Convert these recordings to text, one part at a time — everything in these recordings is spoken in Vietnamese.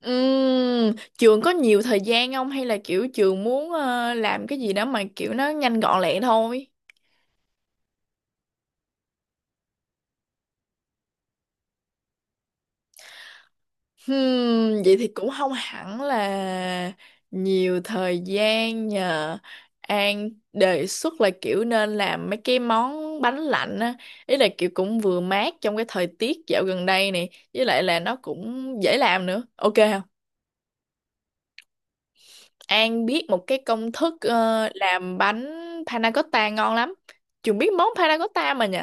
Ừm, trường có nhiều thời gian không hay là kiểu trường muốn làm cái gì đó mà kiểu nó nhanh gọn lẹ thôi? Vậy thì cũng không hẳn là nhiều thời gian nhờ. An đề xuất là kiểu nên làm mấy cái món bánh lạnh á, ý là kiểu cũng vừa mát trong cái thời tiết dạo gần đây này với lại là nó cũng dễ làm nữa, ok không? An biết một cái công thức làm bánh panna cotta ngon lắm. Trường biết món panna cotta mà nhỉ.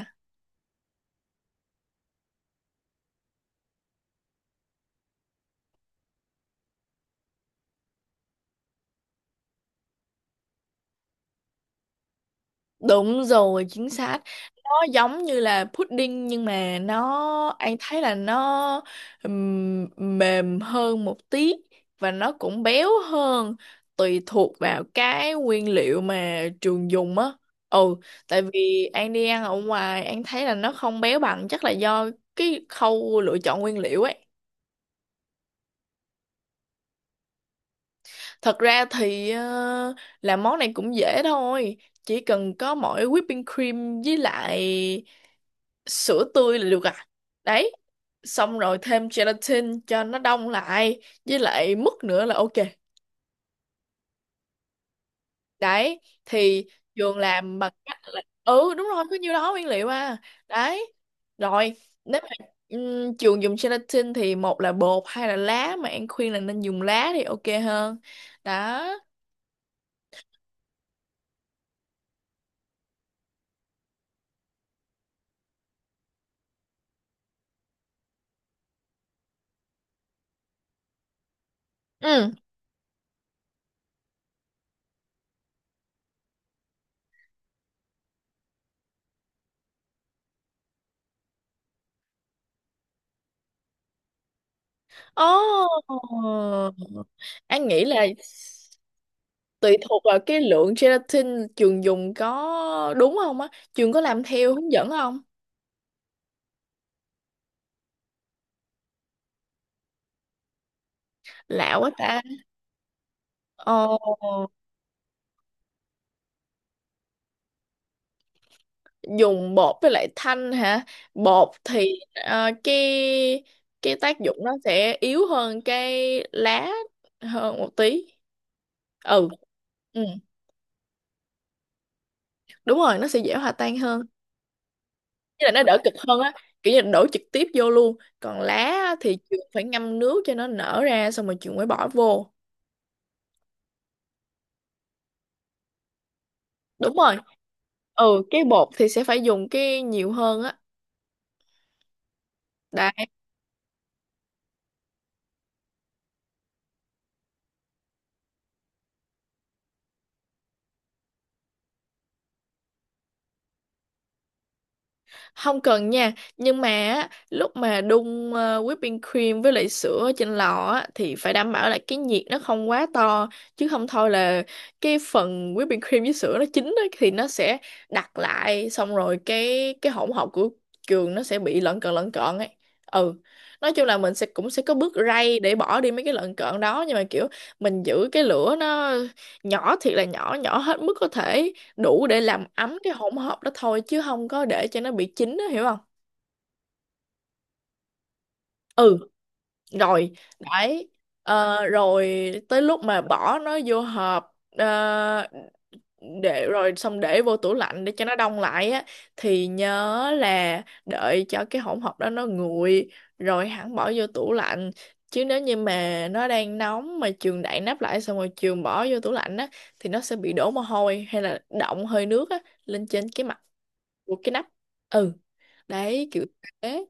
Đúng rồi, chính xác. Nó giống như là pudding nhưng mà nó anh thấy là nó mềm hơn một tí và nó cũng béo hơn tùy thuộc vào cái nguyên liệu mà trường dùng á. Ừ, tại vì anh đi ăn ở ngoài anh thấy là nó không béo bằng, chắc là do cái khâu lựa chọn nguyên liệu ấy. Thật ra thì làm món này cũng dễ thôi. Chỉ cần có mỗi whipping cream với lại sữa tươi là được à. Đấy. Xong rồi thêm gelatin cho nó đông lại. Với lại mứt nữa là ok. Đấy. Thì Trường làm bằng cách là. Ừ đúng rồi, có nhiêu đó nguyên liệu à. Đấy. Rồi. Nếu mà Trường dùng gelatin thì một là bột hay là lá. Mà An khuyên là nên dùng lá thì ok hơn. Đó. Ừ. Ồ, An nghĩ là tùy thuộc vào cái lượng gelatin trường dùng có đúng không á, trường có làm theo hướng dẫn không? Lạ quá ta. Ồ, dùng bột với lại thanh hả? Bột thì cái tác dụng nó sẽ yếu hơn cái lá hơn một tí. Ừ, ừ, đúng rồi, nó sẽ dễ hòa tan hơn. Thế là nó đỡ cực hơn á, kiểu như đổ trực tiếp vô luôn. Còn lá á, thì trường phải ngâm nước cho nó nở ra xong rồi trường mới bỏ vô, đúng rồi. Ừ, cái bột thì sẽ phải dùng cái nhiều hơn á. Đấy. Không cần nha, nhưng mà á, lúc mà đun whipping cream với lại sữa trên lò á, thì phải đảm bảo là cái nhiệt nó không quá to, chứ không thôi là cái phần whipping cream với sữa nó chín á, thì nó sẽ đặc lại xong rồi cái hỗn hợp của trường nó sẽ bị lợn cợn ấy. Ừ, nói chung là mình sẽ cũng sẽ có bước rây để bỏ đi mấy cái lợn cợn đó, nhưng mà kiểu mình giữ cái lửa nó nhỏ thiệt là nhỏ, nhỏ hết mức có thể đủ để làm ấm cái hỗn hợp đó thôi chứ không có để cho nó bị chín đó, hiểu không? Ừ. Rồi. Đấy. Rồi tới lúc mà bỏ nó vô hộp để rồi xong để vô tủ lạnh để cho nó đông lại á, thì nhớ là đợi cho cái hỗn hợp đó nó nguội rồi hẳn bỏ vô tủ lạnh, chứ nếu như mà nó đang nóng mà trường đậy nắp lại xong rồi trường bỏ vô tủ lạnh á, thì nó sẽ bị đổ mồ hôi hay là đọng hơi nước á lên trên cái mặt của cái nắp. Ừ, đấy kiểu thế.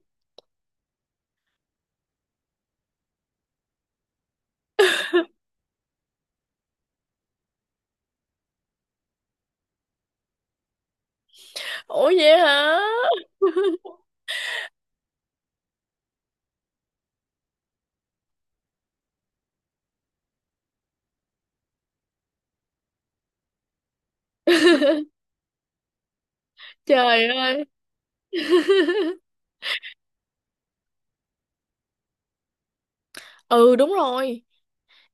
Ủa vậy hả? Trời ơi. Ừ đúng rồi.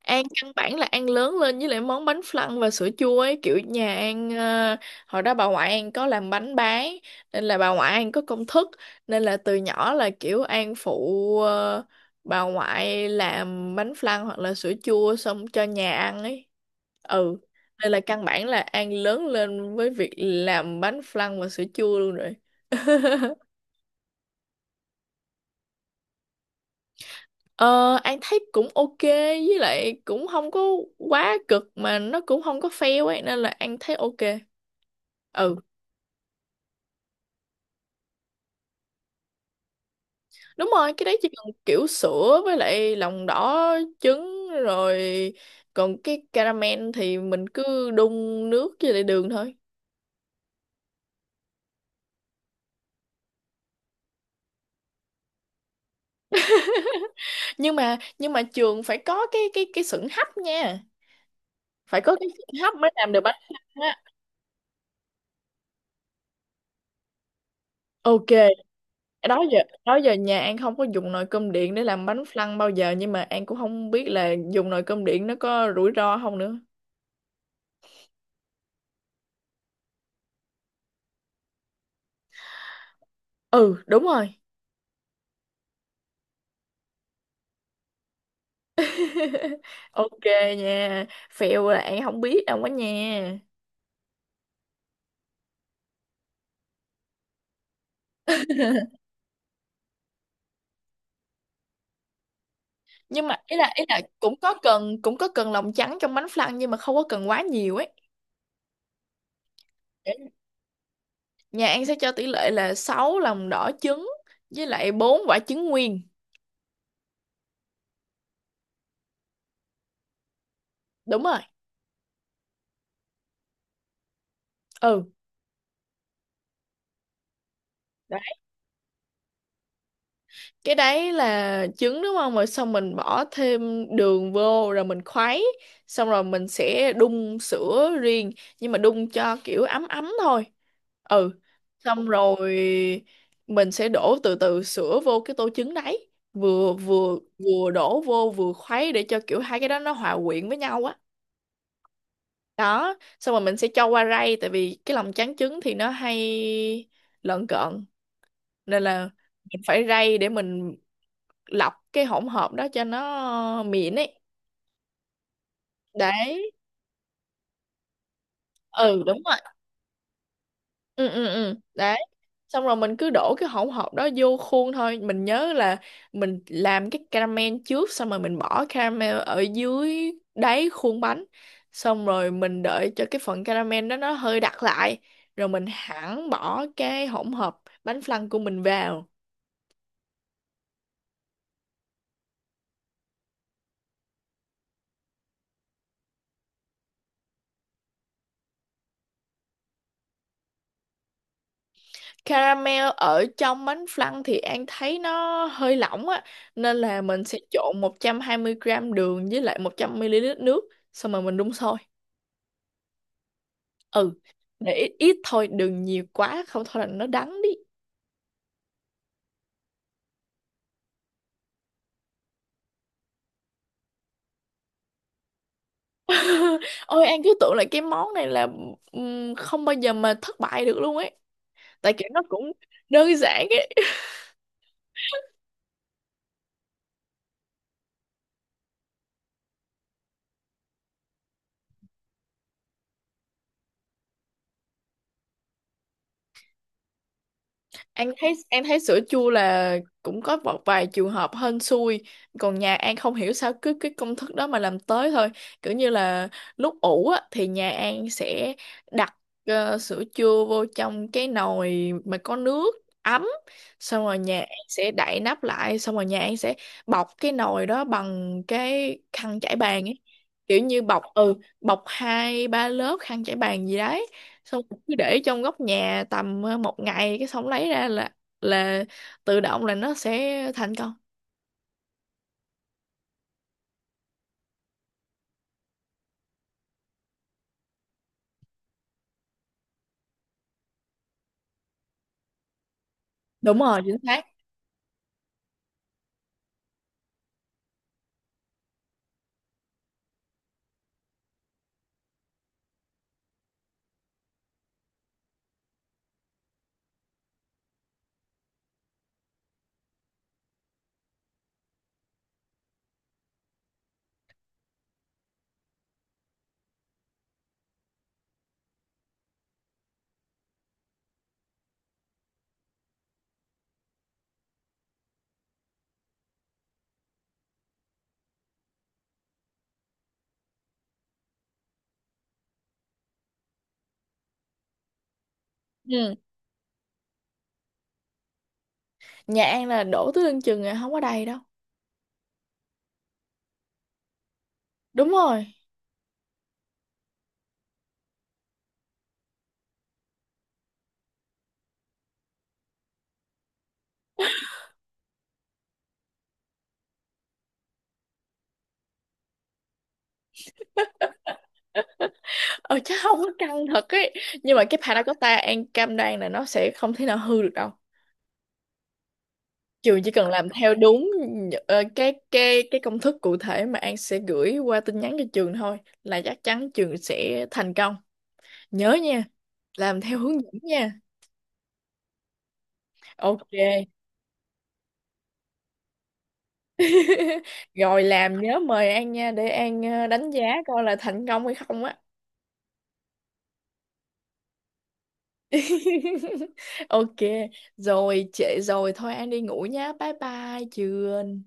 An căn bản là An lớn lên với lại món bánh flan và sữa chua ấy, kiểu nhà An hồi đó bà ngoại An có làm bánh bán, nên là bà ngoại An có công thức, nên là từ nhỏ là kiểu An phụ bà ngoại làm bánh flan hoặc là sữa chua xong cho nhà ăn ấy. Ừ, nên là căn bản là An lớn lên với việc làm bánh flan và sữa chua luôn rồi. Ờ, An thấy cũng ok, với lại cũng không có quá cực mà nó cũng không có fail ấy, nên là An thấy ok. Ừ, đúng rồi, cái đấy chỉ cần kiểu sữa với lại lòng đỏ trứng rồi, còn cái caramel thì mình cứ đun nước với lại đường thôi. Nhưng mà trường phải có cái sửng hấp nha. Phải có cái sửng hấp mới làm được bánh căn á. Ok, đó giờ đó giờ nhà An không có dùng nồi cơm điện để làm bánh flan bao giờ, nhưng mà An cũng không biết là dùng nồi cơm điện nó có rủi ro không nữa. Ừ đúng rồi. Ok nha, phèo là An không biết đâu quá nha. Nhưng mà ý là cũng có cần lòng trắng trong bánh flan nhưng mà không có cần quá nhiều ấy. Nhà An sẽ cho tỷ lệ là 6 lòng đỏ trứng với lại 4 quả trứng nguyên, đúng rồi. Ừ, cái đấy là trứng đúng không, rồi xong mình bỏ thêm đường vô rồi mình khuấy, xong rồi mình sẽ đun sữa riêng, nhưng mà đun cho kiểu ấm ấm thôi. Ừ, xong rồi mình sẽ đổ từ từ sữa vô cái tô trứng đấy, vừa vừa vừa đổ vô vừa khuấy để cho kiểu hai cái đó nó hòa quyện với nhau á. Đó, xong rồi mình sẽ cho qua rây tại vì cái lòng trắng trứng thì nó hay lợn cợn, nên là mình phải rây để mình lọc cái hỗn hợp đó cho nó mịn ấy. Đấy. Ừ đúng rồi. Ừ ừ ừ. Đấy. Xong rồi mình cứ đổ cái hỗn hợp đó vô khuôn thôi, mình nhớ là mình làm cái caramel trước, xong rồi mình bỏ caramel ở dưới đáy khuôn bánh, xong rồi mình đợi cho cái phần caramel đó nó hơi đặc lại rồi mình hẳn bỏ cái hỗn hợp bánh flan của mình vào. Caramel ở trong bánh flan thì An thấy nó hơi lỏng á, nên là mình sẽ trộn 120 gram đường với lại 100 ml nước xong rồi mình đun sôi. Ừ, để ít, ít thôi, đừng nhiều quá không thôi là nó đắng đi. Ôi An cứ tưởng là cái món này là không bao giờ mà thất bại được luôn ấy. Tại kiểu nó cũng đơn giản. An thấy sữa chua là cũng có một vài trường hợp hên xui, còn nhà An không hiểu sao cứ cái công thức đó mà làm tới thôi, kiểu như là lúc ủ á, thì nhà An sẽ đặt sữa chua vô trong cái nồi mà có nước ấm, xong rồi nhà An sẽ đậy nắp lại xong rồi nhà An sẽ bọc cái nồi đó bằng cái khăn trải bàn ấy, kiểu như bọc ừ bọc hai ba lớp khăn trải bàn gì đấy, xong rồi cứ để trong góc nhà tầm một ngày cái xong lấy ra là là tự động là nó sẽ thành công. Đúng rồi, chính xác. Ừ. Nhà An là đổ tới lưng chừng à, không có đầy đâu, đúng rồi. Ờ Chắc không có căng thật ấy, nhưng mà cái panna cotta An cam đoan là nó sẽ không thể nào hư được đâu. Trường chỉ cần làm theo đúng cái công thức cụ thể mà An sẽ gửi qua tin nhắn cho trường thôi là chắc chắn trường sẽ thành công. Nhớ nha, làm theo hướng dẫn nha. Ok. Rồi làm nhớ mời An nha để An đánh giá coi là thành công hay không á. Ok. Rồi trễ rồi thôi An đi ngủ nhá, bye bye chưa?